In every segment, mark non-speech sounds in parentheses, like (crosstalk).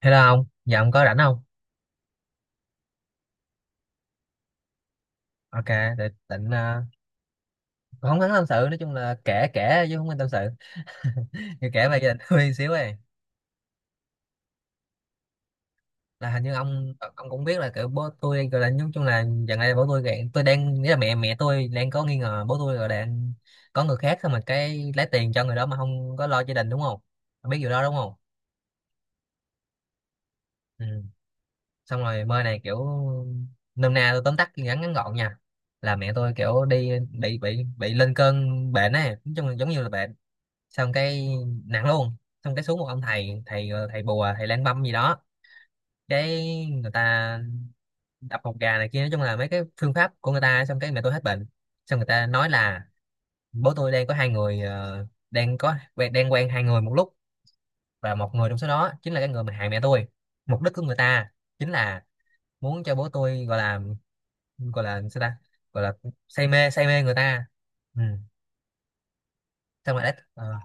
Hello ông, giờ ông có rảnh không? Ok, để định ờ, không hắn tâm sự, nói chung là kể kể chứ không nên tâm sự. (laughs) Thì kể về gia đình tôi xíu này. Là hình như ông cũng biết là kiểu bố tôi gọi là nói chung là gần đây bố tôi gạn tôi đang nghĩa là mẹ mẹ tôi đang có nghi ngờ bố tôi rồi đang có người khác thôi mà cái lấy tiền cho người đó mà không có lo gia đình, đúng không? Ông biết điều đó đúng không? Ừ. Xong rồi mơ này kiểu nôm na tôi tóm tắt ngắn ngắn gọn nha, là mẹ tôi kiểu đi bị lên cơn bệnh ấy, nói chung là giống như là bệnh, xong cái nặng luôn. Xong cái xuống một ông thầy, thầy bùa, thầy lang băm gì đó, cái người ta đập một gà này kia, nói chung là mấy cái phương pháp của người ta, xong cái mẹ tôi hết bệnh. Xong người ta nói là bố tôi đang có hai người, đang có đang quen hai người một lúc, và một người trong số đó chính là cái người mà hại mẹ tôi. Mục đích của người ta chính là muốn cho bố tôi gọi là, gọi là sao ta, gọi là say mê người ta. Ừ. Xong rồi đấy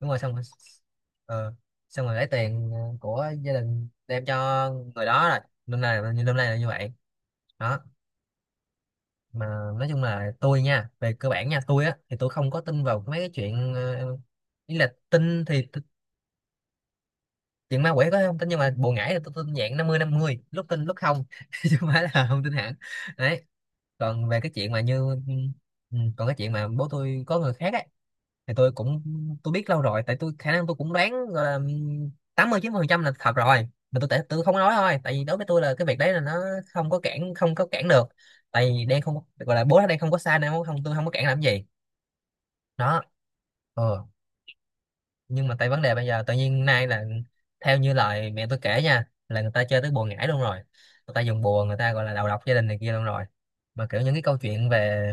Đúng rồi, xong rồi, ờ, xong rồi lấy tiền, của gia đình đem cho người đó, là năm nay là như vậy đó. Mà nói chung là tôi nha, về cơ bản nha, tôi á thì tôi không có tin vào mấy cái chuyện, ý là tin thì chuyện ma quỷ có không tin, nhưng mà bùa ngải thì tôi tin dạng 50 50, lúc tin lúc không (laughs) chứ không phải là không tin hẳn. Đấy. Còn về cái chuyện mà như, còn cái chuyện mà bố tôi có người khác ấy, thì tôi cũng tôi biết lâu rồi, tại tôi khả năng tôi cũng đoán gọi là 80 90% là thật rồi, mà tôi tại tôi không nói thôi, tại vì đối với tôi là cái việc đấy là nó không có cản được. Tại vì đang không gọi là bố nó đang không có sai nên không tôi không có cản làm gì. Đó. Ờ. Nhưng mà tại vấn đề bây giờ tự nhiên nay là theo như lời mẹ tôi kể nha, là người ta chơi tới bùa ngải luôn rồi, người ta dùng bùa người ta gọi là đầu độc gia đình này kia luôn rồi. Mà kiểu những cái câu chuyện về,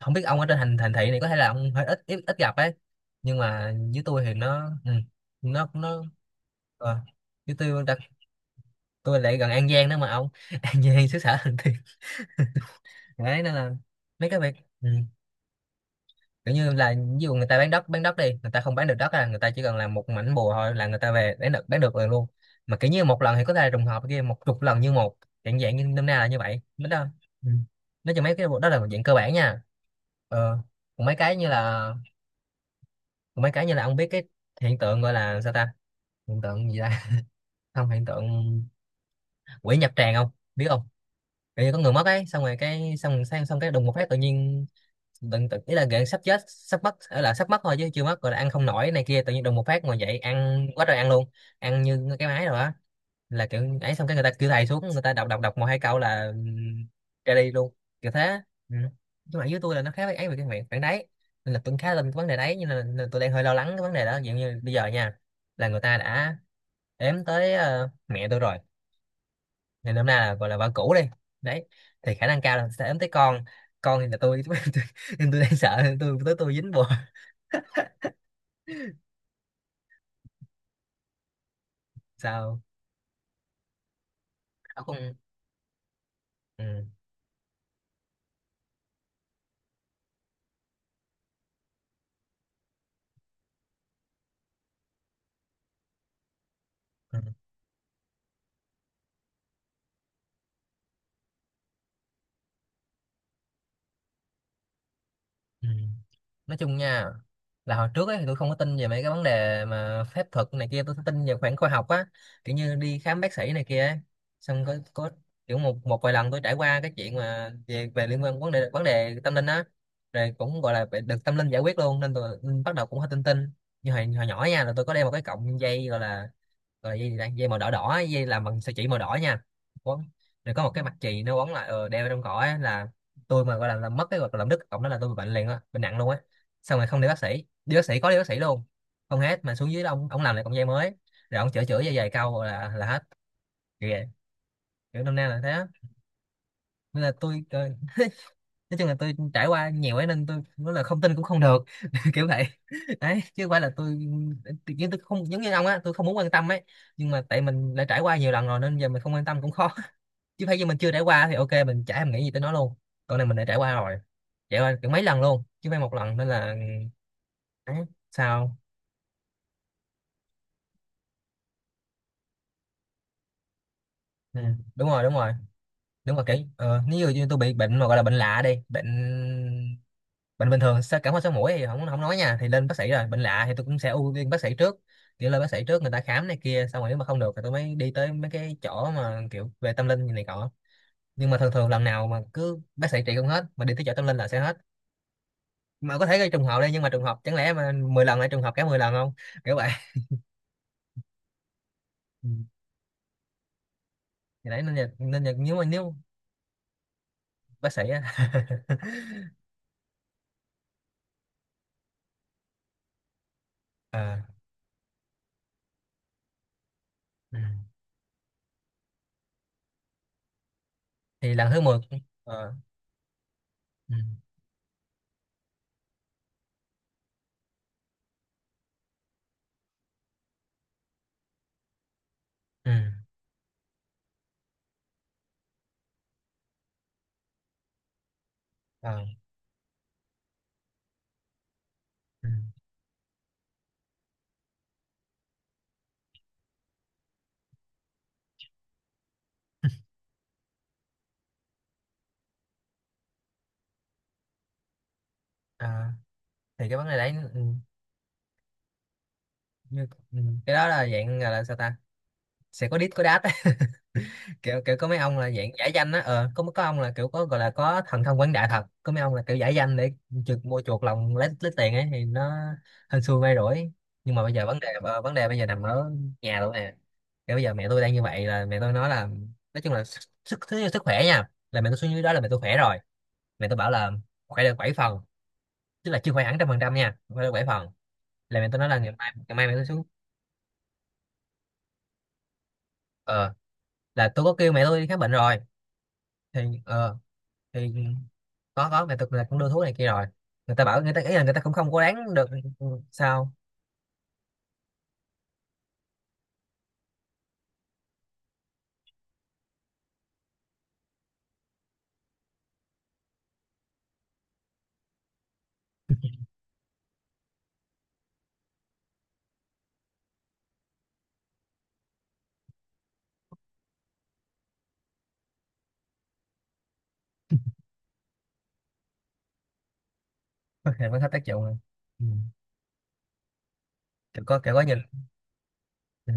không biết ông ở trên thành thành thị này có thể là ông hơi ít ít, ít gặp ấy, nhưng mà với tôi thì nó, nó, ờ, với tôi đặc, tôi lại gần An Giang đó mà ông. (laughs) An Giang xứ sở thần tiên. (laughs) Đấy nên là mấy cái việc, ừ, kiểu như là ví dụ người ta bán đất, đi người ta không bán được đất à, người ta chỉ cần làm một mảnh bùa thôi là người ta về bán được, rồi luôn. Mà kiểu như một lần thì có thể là trùng hợp, kia một chục lần như một dạng dạng như năm nay là như vậy biết đó. Ừ. Nói cho mấy cái bộ đó là một dạng cơ bản nha. Ờ. Còn mấy cái như là, còn mấy cái như là ông biết cái hiện tượng gọi là sao ta, hiện tượng gì ta, (laughs) không, hiện tượng quỷ nhập tràng không biết không, kiểu như có người mất ấy xong rồi cái xong xong, xong cái đùng một phát tự nhiên tự ý là gần sắp chết sắp mất ở là sắp mất thôi chứ chưa mất, rồi là ăn không nổi này kia tự nhiên đùng một phát ngồi dậy ăn quá trời ăn luôn, ăn như cái máy rồi á, là kiểu ấy. Xong cái người ta kêu thầy xuống, người ta đọc đọc đọc 1 2 câu là ra đi luôn. Kiểu thế. Ừ. Nhưng mà với tôi là nó khá với ấy về cái miệng phản đấy, nên là tôi khá lên cái vấn đề đấy, nhưng là tôi đang hơi lo lắng cái vấn đề đó. Ví dụ như bây giờ nha, là người ta đã ếm tới, mẹ tôi rồi, ngày năm nay là gọi là vợ cũ đi, đấy, thì khả năng cao là sẽ ấm tới con. Con thì là tôi (laughs) tôi đang sợ tôi tới tôi dính bồ. Sao? Ông không. Ừ. Ừ. Nói chung nha, là hồi trước ấy thì tôi không có tin về mấy cái vấn đề mà phép thuật này kia, tôi tin về khoảng khoa học á, kiểu như đi khám bác sĩ này kia ấy. Xong có kiểu một một vài lần tôi trải qua cái chuyện mà về về liên quan vấn đề tâm linh á, rồi cũng gọi là được tâm linh giải quyết luôn, nên tôi bắt đầu cũng hơi tin tin. Như hồi nhỏ nha là tôi có đeo một cái cọng dây gọi là, rồi dây gì đây, dây màu đỏ, đỏ dây làm bằng sợi chỉ màu đỏ nha, quấn, rồi có một cái mặt chì nó quấn lại, đeo trong cổ á, là tôi mà gọi là làm mất cái hoặc là làm đứt cộng đó là tôi bị bệnh liền á, bệnh nặng luôn á. Xong rồi không đi bác sĩ, đi bác sĩ có đi bác sĩ luôn, không hết, mà xuống dưới đó, ông làm lại cọng dây mới, rồi ông chữa chữa dây dài câu là hết. Kiểu vậy. Kiểu năm nay là thế á. Nên là tôi, nói chung là tôi trải qua nhiều ấy nên tôi nói là không tin cũng không được (laughs) kiểu vậy. Đấy, chứ không phải là tôi, nhưng tôi không giống như ông á, tôi không muốn quan tâm ấy, nhưng mà tại mình đã trải qua nhiều lần rồi nên giờ mình không quan tâm cũng khó. (laughs) Chứ phải như mình chưa trải qua thì ok, mình chả thèm nghĩ gì tới nó luôn, còn này mình đã trải qua rồi, trải qua kiểu mấy lần luôn chứ không phải một lần, nên là đấy. Sao? Ừ. Đúng rồi, đúng rồi, đúng rồi. Kiểu nếu như như tôi bị bệnh mà gọi là bệnh lạ đi, bệnh, bệnh bình thường sao cảm ho sổ mũi thì không, không nói nha, thì lên bác sĩ, rồi bệnh lạ thì tôi cũng sẽ ưu tiên bác sĩ trước, kiểu lên bác sĩ trước người ta khám này kia xong rồi nếu mà không được thì tôi mới đi tới mấy cái chỗ mà kiểu về tâm linh như này cọ. Nhưng mà thường thường lần nào mà cứ bác sĩ trị không hết mà đi tới chỗ tâm linh là sẽ hết. Mà có thể gây trùng hợp đây, nhưng mà trùng hợp chẳng lẽ mà 10 lần lại trùng hợp cả 10 lần không. Kiểu vậy. Ừ. Thì đấy nên nên là nếu mà nếu bác sĩ á. (laughs) Ờ, ừ. Thì lần thứ 10. Ờ, ừ, ừ, ờ, ừ, ờ. Thì cái vấn đề đấy. Ừ. Như- ừ. Cái đó là dạng gọi là sao ta, sẽ có đít có đát á. (laughs) Kiểu kiểu có mấy ông là dạng giải danh á, ờ có ông là kiểu có gọi là có thần thông quảng đại thật, có mấy ông là kiểu giải danh để chuột mua chuột lòng lấy tiền ấy, thì nó hên xui may rủi. Nhưng mà bây giờ vấn đề, vấn đề bây giờ nằm ở nhà luôn nè, kiểu bây giờ mẹ tôi đang như vậy, là mẹ tôi nói là nói chung là sức khỏe nha, là mẹ tôi xuống dưới đó là mẹ tôi khỏe rồi. Mẹ tôi bảo là khỏe được 7 phần, tức là chưa khỏe hẳn 100% nha, khỏe được bảy phần, là mẹ tôi nói là ngày mai mẹ tôi xuống. Ờ, là tôi có kêu mẹ tôi đi khám bệnh rồi, thì ờ, thì có mẹ thực là cũng đưa thuốc này kia rồi, người ta bảo người ta ý là người ta cũng không có đáng được. Ừ. Sao? (laughs) Thì mới hết tác dụng rồi. Ừ. Kiểu có kiểu có nhìn. Ừ.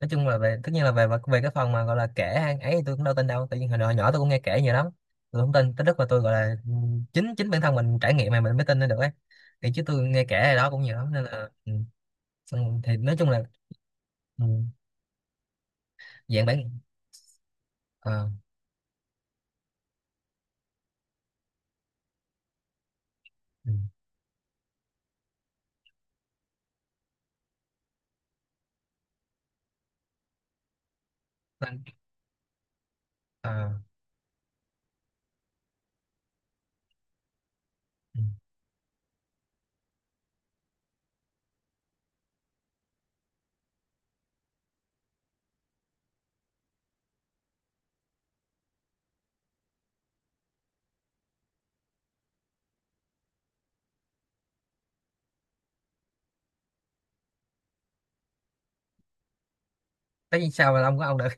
Nói chung là về tất nhiên là về về cái phần mà gọi là kể hay ấy thì tôi cũng đâu tin đâu, tại vì hồi nhỏ nhỏ tôi cũng nghe kể nhiều lắm, tôi không tin tới lúc mà tôi gọi là, chính chính bản thân mình trải nghiệm mà mình mới tin lên được ấy, thì chứ tôi nghe kể này đó cũng nhiều lắm nên là ừ. Xong thì nói chung là ừ. Dạng bản, ờ, ừ. Nên- ờ, ừ. Tất nhiên sao mà ông có ông đã,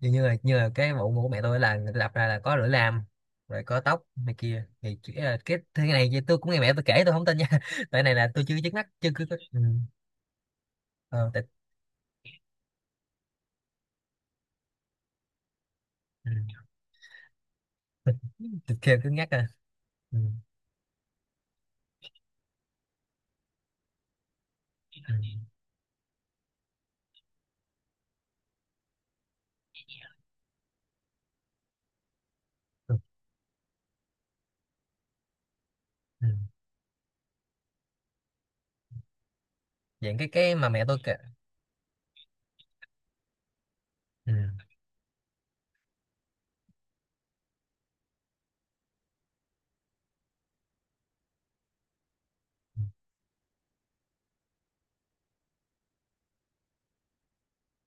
như như là cái bộ của mẹ tôi là người ta lập ra là có lưỡi lam, rồi có tóc này kia, thì chỉ là cái thứ này thì tôi cũng nghe mẹ tôi kể tôi không tin nha (laughs) tại này là tôi chưa chứng mắt chưa cứ có ừ. Ờ, tại, ừ. (laughs) Tôi kêu cứ nhắc à. Ừ. Ừ. Ừ. Ừ. Vậy cái mà mẹ tôi kể, ừ,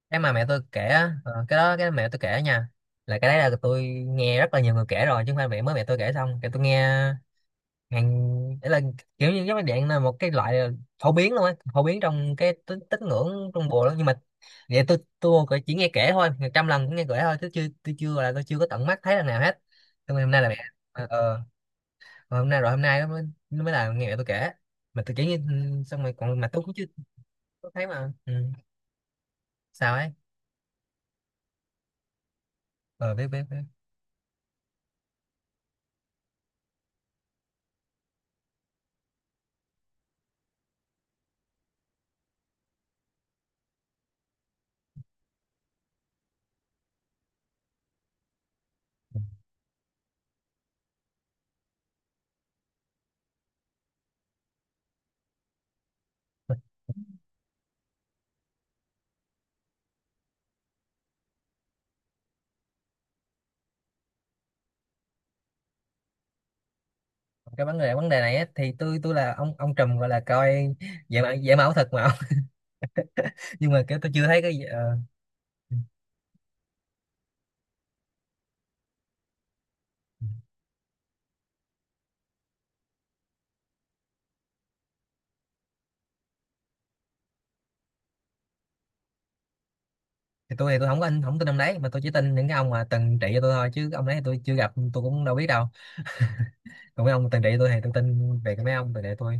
cái mà mẹ tôi kể á, ờ, cái đó cái mẹ tôi kể nha, là cái đấy là tôi nghe rất là nhiều người kể rồi chứ không phải mẹ mới mẹ tôi kể xong cái tôi nghe. Ngàn để là kiểu như cái máy điện là một cái loại phổ biến luôn á, phổ biến trong cái tín tín ngưỡng trung bộ đó, nhưng mà vậy tôi chỉ nghe kể thôi, ngàn trăm lần cũng nghe kể thôi, tôi chưa là tôi chưa có tận mắt thấy lần nào hết. Tôi hôm nay là mẹ, ờ, ờ, mà hôm nay rồi hôm nay nó mới, nó mới là nghe mẹ tôi kể, mà tôi chỉ nghe ừ, xong rồi còn mà tôi cũng chưa có thấy mà ừ. Sao ấy? Ờ biết biết biết. Cái vấn đề này á, thì tôi là ông Trùm gọi là coi, vậy mà ảo thật mà. (laughs) Nhưng mà kiểu tôi chưa thấy cái gì- ờ. Ừ, ừ. Thì tôi không có anh không tin ông đấy, mà tôi chỉ tin những cái ông mà từng trị cho tôi thôi, chứ cái ông đấy thì tôi chưa gặp tôi cũng đâu biết đâu. Còn mấy ông từng trị tôi thì tôi tin về cái mấy ông từng trị tôi.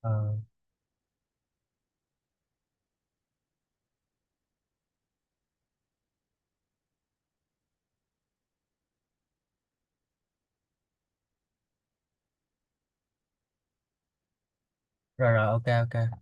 Ờ, rồi rồi, ok ok.